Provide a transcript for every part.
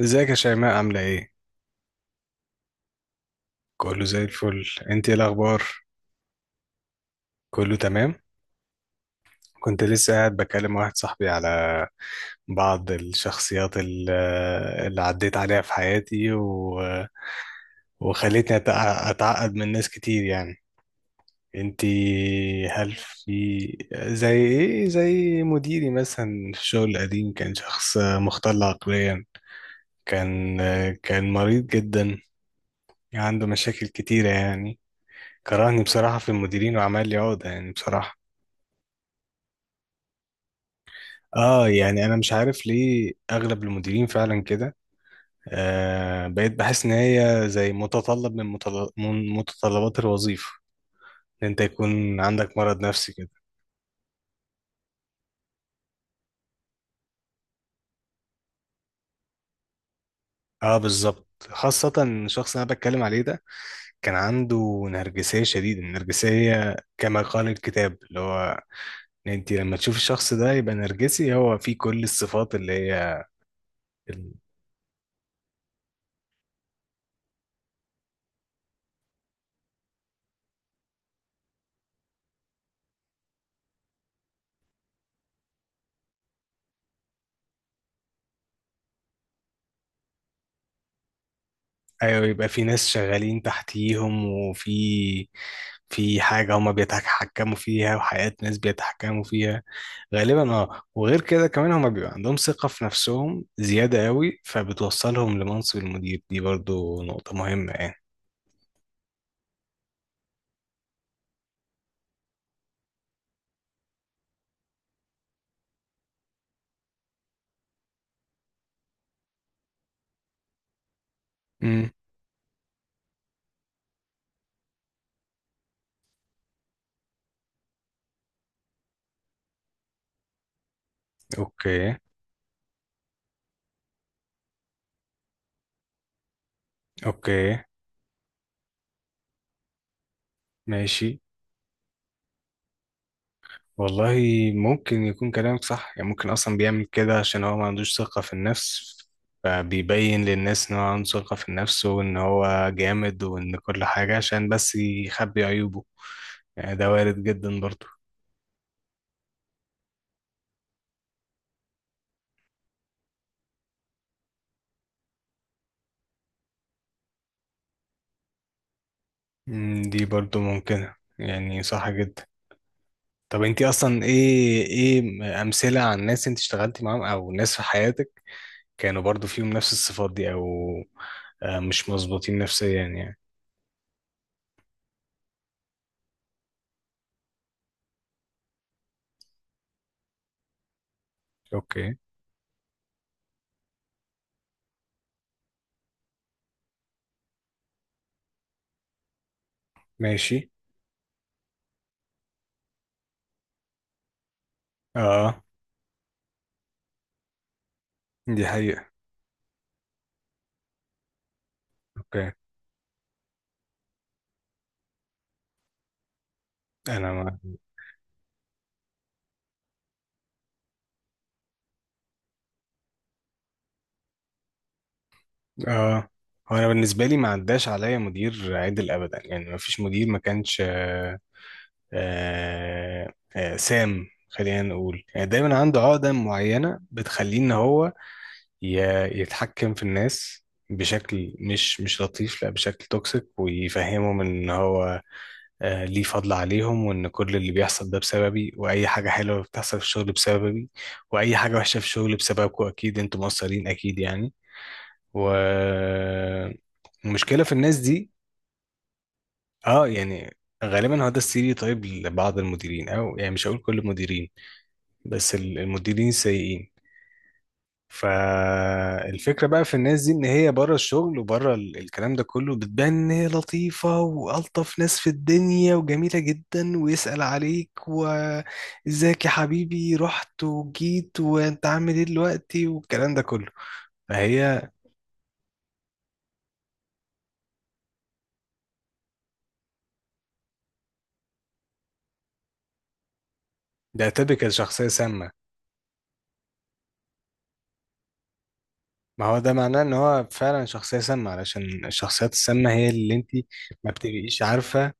ازيك يا شيماء عاملة ايه؟ كله زي الفل. انت ايه الاخبار؟ كله تمام؟ كنت لسه قاعد بكلم واحد صاحبي على بعض اللي عديت عليها في حياتي وخلتني أتع- اتعقد من ناس كتير يعني انت. هل في زي ايه، زي مديري مثلا في الشغل القديم، كان شخص مختل عقليا. كان كان مريض جدا، عنده مشاكل كتيرة يعني، كرهني بصراحة في المديرين وعمل لي عقدة يعني بصراحة. اه، يعني انا مش عارف ليه اغلب المديرين فعلا كده. آه، بقيت بحس ان هي زي متطلب من متطلبات الوظيفة، ان انت يكون عندك مرض نفسي كده. اه بالظبط، خاصة الشخص اللي انا بتكلم عليه ده كان عنده نرجسية، شديدة النرجسية كما قال الكتاب، اللي هو إن انت لما تشوف الشخص ده يبقى نرجسي هو فيه كل الصفات اللي هي. ايوه، يبقى في ناس شغالين تحتيهم، وفي في حاجة هما بيتحكموا فيها، وحياة ناس بيتحكموا فيها غالبا. اه، وغير كده كمان هما بيبقى عندهم ثقة في نفسهم زيادة قوي، فبتوصلهم لمنصب المدير. دي برضو نقطة مهمة يعني. امم، اوكي، اوكي، ماشي. والله ممكن يكون كلامك صح، يعني ممكن اصلا بيعمل كده عشان هو ما عندوش ثقة في النفس، فبيبين للناس ان هو عنده ثقة في النفس وان هو جامد وان كل حاجة عشان بس يخبي عيوبه، يعني ده وارد جدا برضو. مم، دي برضو ممكنة، يعني صح جدا. طب انتي اصلا ايه، ايه امثلة عن ناس انت اشتغلتي معاهم او ناس في حياتك كانوا برضو فيهم نفس الصفات دي، آه، مش مظبوطين نفسيا يعني. اوكي، ماشي. اه دي حقيقة. اوكي. انا ما اه، هو انا بالنسبه لي ما عداش عليا مدير عدل ابدا، يعني ما فيش مدير ما كانش آه سام خلينا نقول. يعني دايما عنده عقده معينه بتخليه ان هو يتحكم في الناس بشكل مش لطيف، لا بشكل توكسيك، ويفهمهم ان هو آه ليه فضل عليهم، وان كل اللي بيحصل ده بسببي، واي حاجه حلوه بتحصل في الشغل بسببي، واي حاجه وحشه في الشغل بسببكم، اكيد انتوا مقصرين اكيد يعني. والمشكلة في الناس دي، اه يعني غالبا هو ده السيري، طيب لبعض المديرين، او يعني مش هقول كل المديرين، بس المديرين السيئين. فالفكرة بقى في الناس دي ان هي بره الشغل وبره الكلام ده كله بتبان ان هي لطيفة والطف ناس في الدنيا وجميلة جدا، ويسأل عليك، وازيك يا حبيبي، رحت وجيت وانت عامل ايه دلوقتي، والكلام ده كله. فهي ده تبقى شخصية سامة. ما هو ده معناه ان هو فعلا شخصية سامة، علشان الشخصيات السامة هي اللي انت ما بتبقيش عارفة.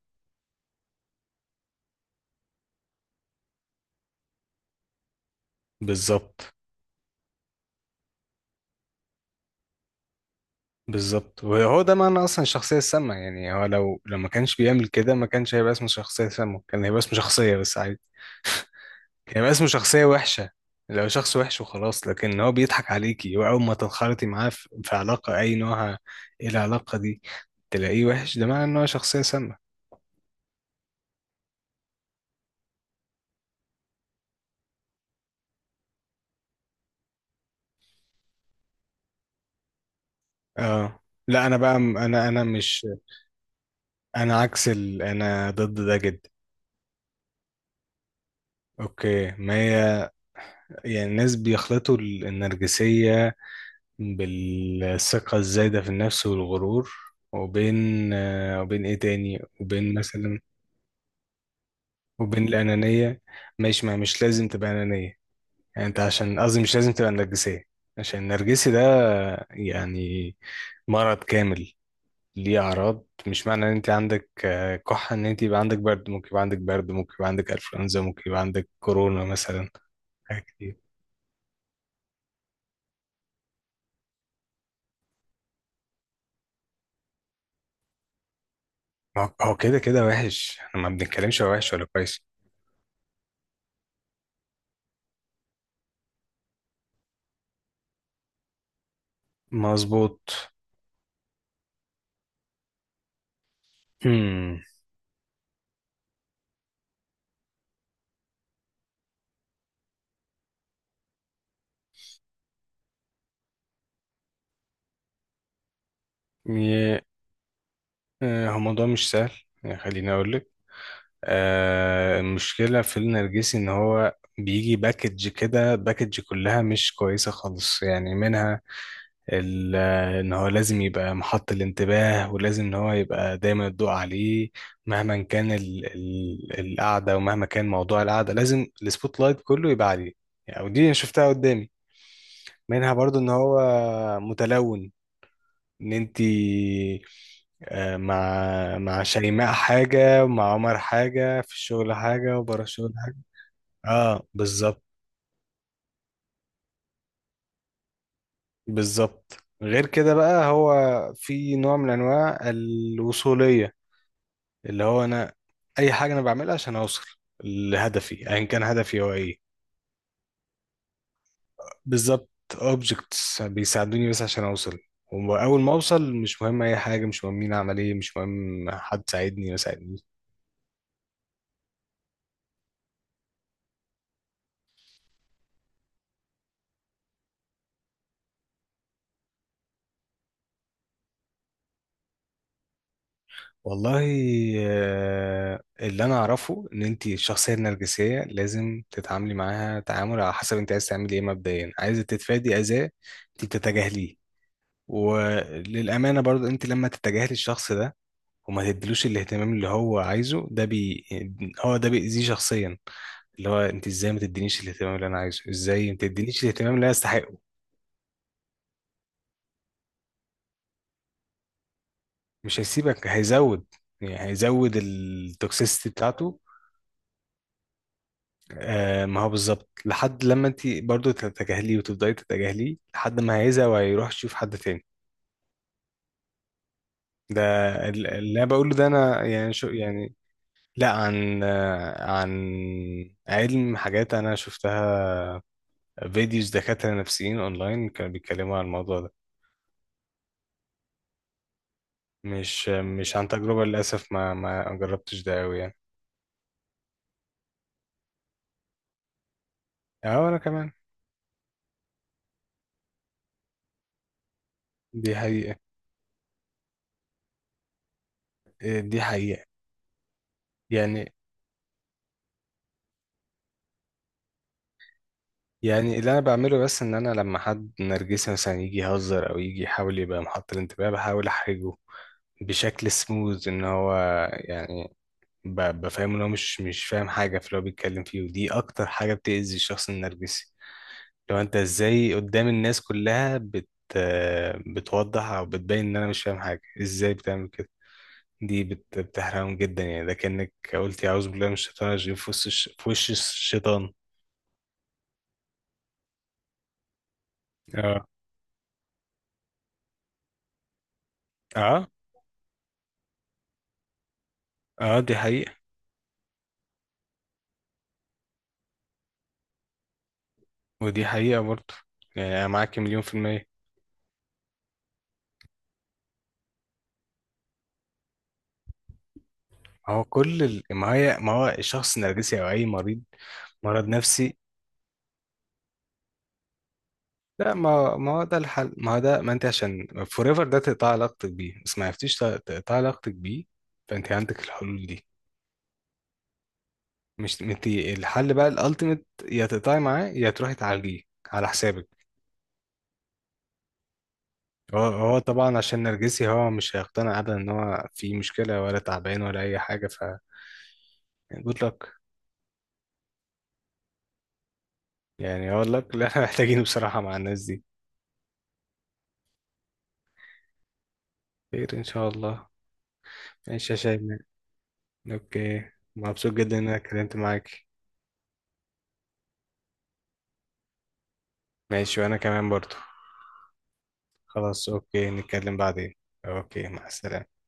بالظبط، بالظبط. وهو ده معنى اصلا الشخصية السامة، يعني هو لو لو ما كانش بيعمل كده ما كانش هيبقى اسمه شخصية سامة، كان هيبقى اسمه شخصية بس عادي، كان هيبقى اسمه شخصية وحشة لو شخص وحش وخلاص. لكن هو بيضحك عليكي، واول ما تنخرطي معاه في في علاقة اي نوعها، ايه العلاقة دي، تلاقيه وحش، ده معنى ان هو شخصية سامة. اه. لا انا بقى انا انا مش انا انا ضد ده جدا. اوكي، ما هي يعني الناس بيخلطوا النرجسية بالثقة الزايدة في النفس والغرور، وبين آه، وبين ايه تاني، وبين مثلا وبين الأنانية. ماشي، ما مش لازم تبقى أنانية، يعني انت عشان قصدي مش لازم تبقى نرجسية. عشان النرجسي ده يعني مرض كامل، ليه أعراض. مش معنى ان انت عندك آه، كحة ان انت يبقى عندك برد، ممكن يبقى عندك برد، ممكن يبقى عندك انفلونزا، ممكن يبقى عندك كورونا مثلا، حاجات كتير. ما هو كده كده وحش، احنا ما بنتكلمش هو وحش ولا كويس. مظبوط. امم. ي- آه، هو الموضوع مش سهل. يعني خليني اقول لك، آه، المشكله في النرجسي ان هو بيجي باكج كده، باكج كلها مش كويسه خالص، يعني منها آه، ان هو لازم يبقى محط الانتباه، ولازم ان هو يبقى دايما الضوء عليه، مهما كان ال القعده، ومهما كان موضوع القعده لازم السبوت لايت كله يبقى عليه يعني. ودي أنا شفتها قدامي. منها برضو ان هو متلون، ان انتي آه، مع شيماء حاجة، ومع عمر حاجة، في الشغل حاجة، وبره الشغل حاجة. اه بالظبط، بالظبط. غير كده بقى هو في نوع من انواع الوصولية، اللي هو انا اي حاجة انا بعملها عشان اوصل لهدفي، ايا كان هدفي هو ايه. بالظبط، objects بيساعدوني بس عشان اوصل، واول ما اوصل مش مهم اي حاجة، مش مهم مين عمل ايه، مش مهم حد ساعدني ما ساعدنيش. والله آه، اللي انا اعرفه ان انت الشخصيه النرجسيه لازم تتعاملي معاها تعامل على حسب انت عايز تعملي ايه. مبدئيا عايزه تتفادي اذاه، انت بتتجاهليه. وللامانه برضو انت لما تتجاهلي الشخص ده وما تديلوش الاهتمام اللي هو عايزه ده هو ده بيأذيه شخصيا، اللي هو انت ازاي ما تدينيش الاهتمام اللي انا عايزه، ازاي ما تدينيش الاهتمام اللي انا استحقه. مش هيسيبك، هيزود، يعني هيزود التوكسيستي بتاعته. آه ما هو بالظبط، لحد لما انت برضو تتجاهليه وتفضلي تتجاهليه، لحد ما هيزهق وهيروح يشوف حد تاني. ده اللي انا بقوله ده انا يعني شو يعني، لا، عن آه، عن علم، حاجات انا شفتها، فيديوز دكاترة نفسيين اونلاين كانوا بيتكلموا عن الموضوع ده. مش عن تجربة للاسف، ما جربتش ده قوي يعني. اه انا كمان. دي حقيقة، آه، دي حقيقة. يعني يعني اللي انا بعمله بس ان انا لما حد نرجسي مثلا يجي يهزر او يجي يحاول يبقى محط الانتباه، بحاول احرجه بشكل سموز، ان هو يعني بفهمه ان هو مش فاهم حاجه في اللي هو بيتكلم فيه، ودي اكتر حاجه بتأذي الشخص النرجسي. لو انت ازاي قدام الناس كلها بتوضح او بتبين ان انا مش فاهم حاجه، ازاي بتعمل كده، بتحرقهم جدا يعني، ده كأنك قلت يا أعوذ بالله من الشيطان الرجيم في وش الشيطان. اه، اه، اه دي حقيقة. ودي حقيقة برضه، يعني أنا معاك 100%. ما هي ما هو الشخص النرجسي أو أي مريض مرض نفسي. لا، ما ما هو ده الحل، ما هو ده، ما أنت عشان فور ايفر ده تقطع علاقتك بيه، بس ما عرفتيش تقطع علاقتك بيه، فأنت عندك الحلول دي. مش أنت الحل بقى الألتيميت، يا تقطعي معاه يا تروحي تعالجيه على حسابك. هو طبعا عشان نرجسي هو مش هيقتنع أبدا إن هو في مشكلة ولا تعبان ولا أي حاجة، ف يعني good luck. يعني أقول لك اللي احنا محتاجينه بصراحة مع الناس دي. خير إن شاء الله. إيش يا شيماء، أوكي مبسوط جدا إن أنا اتكلمت معاك. ماشي وأنا كمان برضو. خلاص أوكي، نتكلم بعدين. أوكي، مع السلامة.